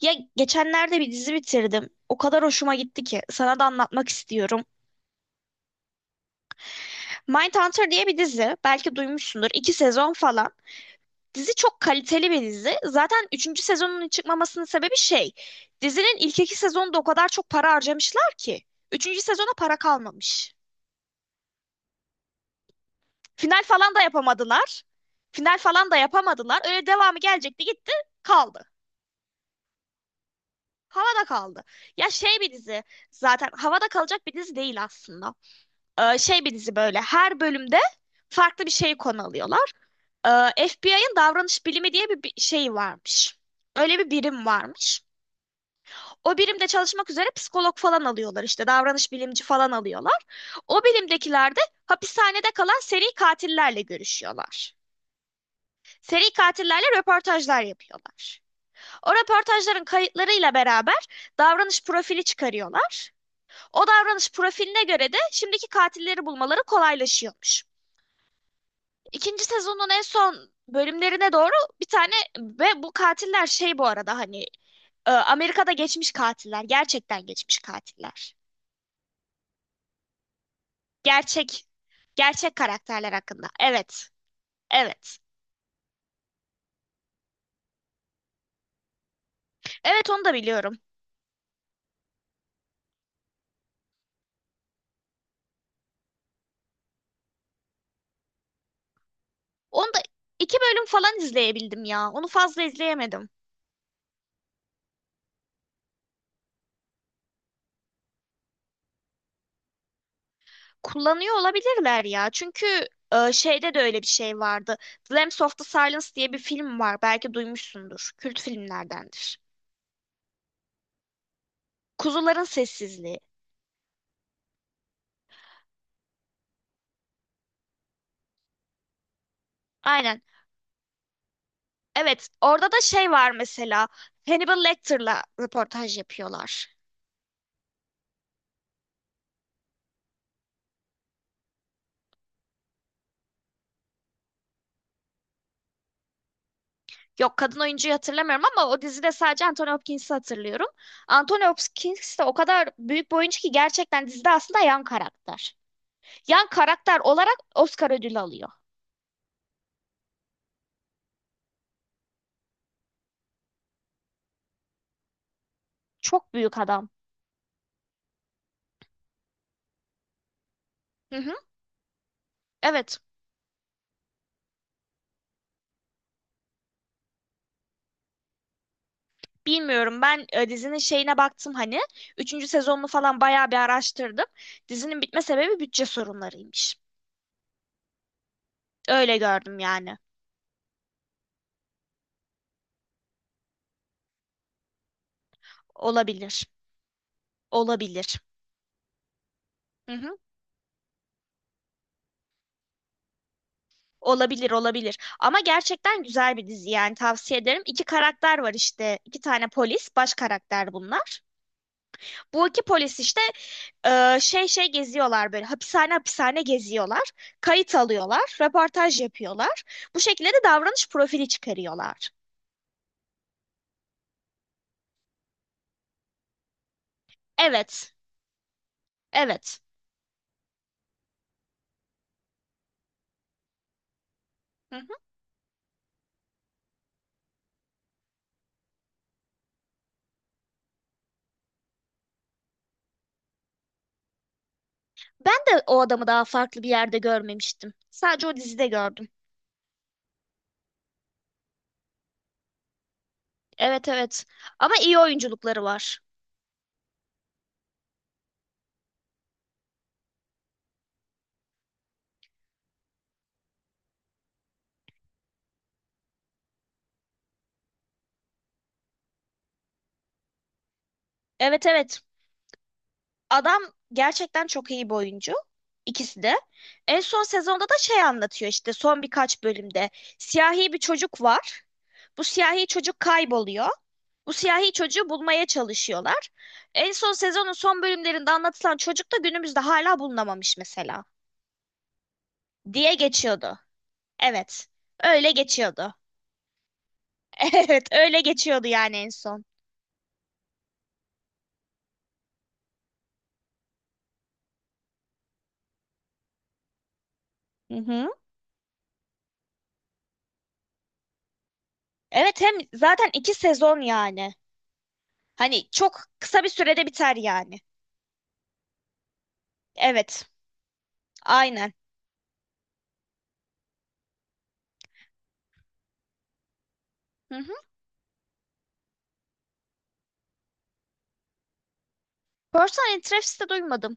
Ya geçenlerde bir dizi bitirdim. O kadar hoşuma gitti ki sana da anlatmak istiyorum. Mindhunter diye bir dizi. Belki duymuşsundur. İki sezon falan. Dizi çok kaliteli bir dizi. Zaten üçüncü sezonunun çıkmamasının sebebi şey. Dizinin ilk iki sezonunda o kadar çok para harcamışlar ki. Üçüncü sezona para kalmamış. Final falan da yapamadılar. Final falan da yapamadılar. Öyle devamı gelecekti gitti kaldı. Havada kaldı. Ya şey bir dizi. Zaten havada kalacak bir dizi değil aslında. Şey bir dizi, böyle her bölümde farklı bir şeyi konu alıyorlar. FBI'ın davranış bilimi diye bir şey varmış. Öyle bir birim varmış. O birimde çalışmak üzere psikolog falan alıyorlar, işte davranış bilimci falan alıyorlar. O birimdekiler de hapishanede kalan seri katillerle görüşüyorlar. Seri katillerle röportajlar yapıyorlar. O röportajların kayıtlarıyla beraber davranış profili çıkarıyorlar. O davranış profiline göre de şimdiki katilleri bulmaları kolaylaşıyormuş. İkinci sezonun en son bölümlerine doğru bir tane ve bu katiller şey, bu arada hani, Amerika'da geçmiş katiller. Gerçekten geçmiş katiller. Gerçek gerçek karakterler hakkında. Evet. Evet. Evet, onu da biliyorum. Onu da iki bölüm falan izleyebildim ya. Onu fazla izleyemedim. Kullanıyor olabilirler ya. Çünkü şeyde de öyle bir şey vardı. The Lambs of the Silence diye bir film var. Belki duymuşsundur. Kült filmlerdendir. Kuzuların Sessizliği. Aynen. Evet, orada da şey var mesela. Hannibal Lecter'la röportaj yapıyorlar. Yok, kadın oyuncuyu hatırlamıyorum ama o dizide sadece Anthony Hopkins'i hatırlıyorum. Anthony Hopkins de o kadar büyük bir oyuncu ki gerçekten dizide aslında yan karakter. Yan karakter olarak Oscar ödülü alıyor. Çok büyük adam. Hı hı. Evet. Bilmiyorum ben, dizinin şeyine baktım hani. Üçüncü sezonunu falan bayağı bir araştırdım. Dizinin bitme sebebi bütçe sorunlarıymış. Öyle gördüm yani. Olabilir. Olabilir. Hı hı. Olabilir olabilir, ama gerçekten güzel bir dizi yani, tavsiye ederim. İki karakter var, işte iki tane polis baş karakter bunlar. Bu iki polis işte şey geziyorlar, böyle hapishane hapishane geziyorlar. Kayıt alıyorlar, röportaj yapıyorlar. Bu şekilde de davranış profili çıkarıyorlar. Evet, evet. Hı hı. Ben de o adamı daha farklı bir yerde görmemiştim. Sadece o dizide gördüm. Evet, evet, ama iyi oyunculukları var. Evet, evet. Adam gerçekten çok iyi bir oyuncu. İkisi de. En son sezonda da şey anlatıyor, işte son birkaç bölümde. Siyahi bir çocuk var. Bu siyahi çocuk kayboluyor. Bu siyahi çocuğu bulmaya çalışıyorlar. En son sezonun son bölümlerinde anlatılan çocuk da günümüzde hala bulunamamış mesela. Diye geçiyordu. Evet. Öyle geçiyordu. Evet, öyle geçiyordu yani en son. Hı hı. Evet, hem zaten iki sezon yani. Hani çok kısa bir sürede biter yani. Evet. Aynen. Hı hı. Person interest'i de duymadım.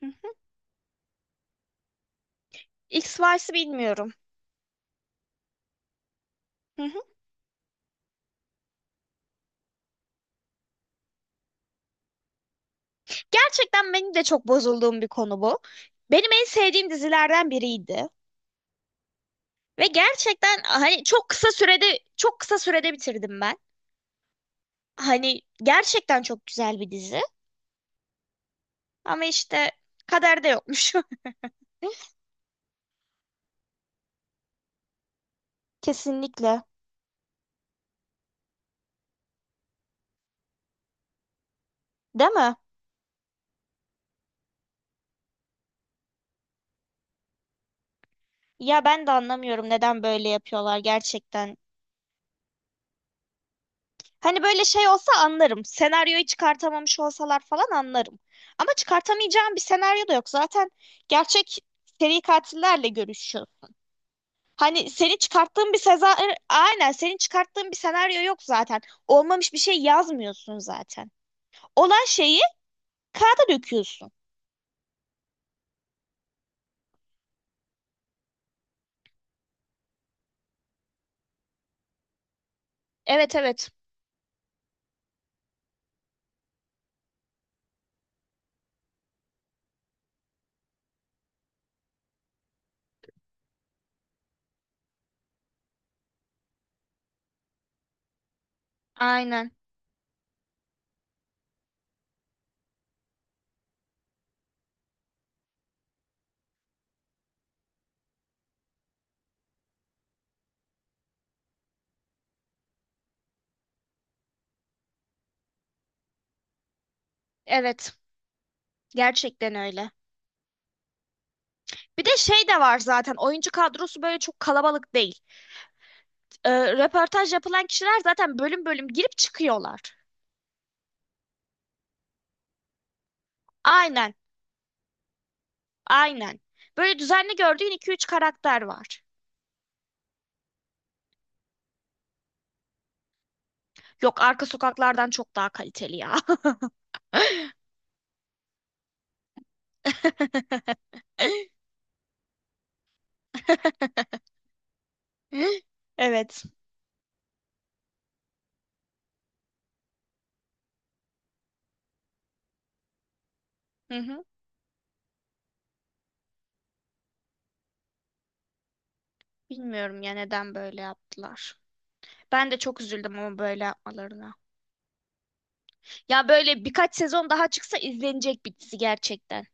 Hı hı. XY'si bilmiyorum. Hı hı. Gerçekten benim de çok bozulduğum bir konu bu. Benim en sevdiğim dizilerden biriydi. Ve gerçekten hani çok kısa sürede bitirdim ben. Hani gerçekten çok güzel bir dizi. Ama işte kaderde yokmuş. Kesinlikle. Değil mi? Ya ben de anlamıyorum, neden böyle yapıyorlar gerçekten. Hani böyle şey olsa anlarım. Senaryoyu çıkartamamış olsalar falan anlarım. Ama çıkartamayacağım bir senaryo da yok. Zaten gerçek seri katillerle görüşüyorsun. Hani senin çıkarttığın bir seza Aynen, senin çıkarttığın bir senaryo yok zaten. Olmamış bir şey yazmıyorsun zaten. Olan şeyi kağıda döküyorsun. Evet, evet. Aynen. Evet. Gerçekten öyle. Bir de şey de var, zaten oyuncu kadrosu böyle çok kalabalık değil. Ee, Röportaj yapılan kişiler zaten bölüm bölüm girip çıkıyorlar. Aynen, aynen. Böyle düzenli gördüğün iki üç karakter var. Yok, arka sokaklardan çok daha kaliteli ya. Evet. Hı hı. Bilmiyorum ya, neden böyle yaptılar. Ben de çok üzüldüm ama böyle yapmalarına. Ya böyle birkaç sezon daha çıksa izlenecek bir dizi gerçekten.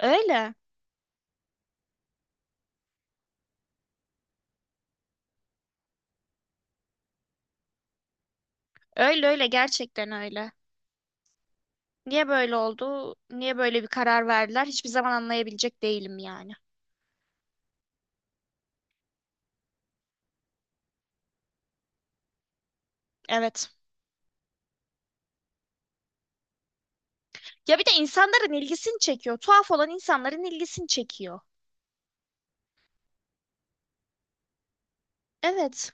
Öyle. Öyle öyle, gerçekten öyle. Niye böyle oldu? Niye böyle bir karar verdiler? Hiçbir zaman anlayabilecek değilim yani. Evet. Ya bir de insanların ilgisini çekiyor. Tuhaf olan insanların ilgisini çekiyor. Evet.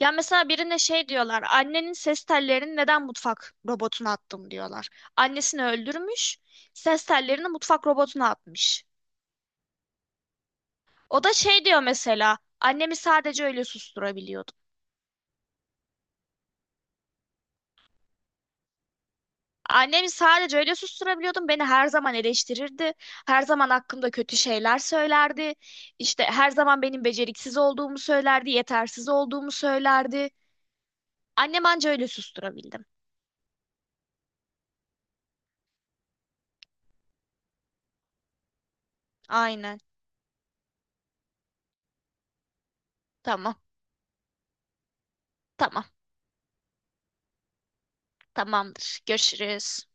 Ya mesela birine şey diyorlar. Annenin ses tellerini neden mutfak robotuna attım, diyorlar. Annesini öldürmüş. Ses tellerini mutfak robotuna atmış. O da şey diyor mesela. Annemi sadece öyle susturabiliyordum. Annemi sadece öyle susturabiliyordum. Beni her zaman eleştirirdi. Her zaman hakkımda kötü şeyler söylerdi. İşte her zaman benim beceriksiz olduğumu söylerdi, yetersiz olduğumu söylerdi. Annem anca öyle susturabildi. Aynen. Tamam. Tamam. Tamamdır. Görüşürüz.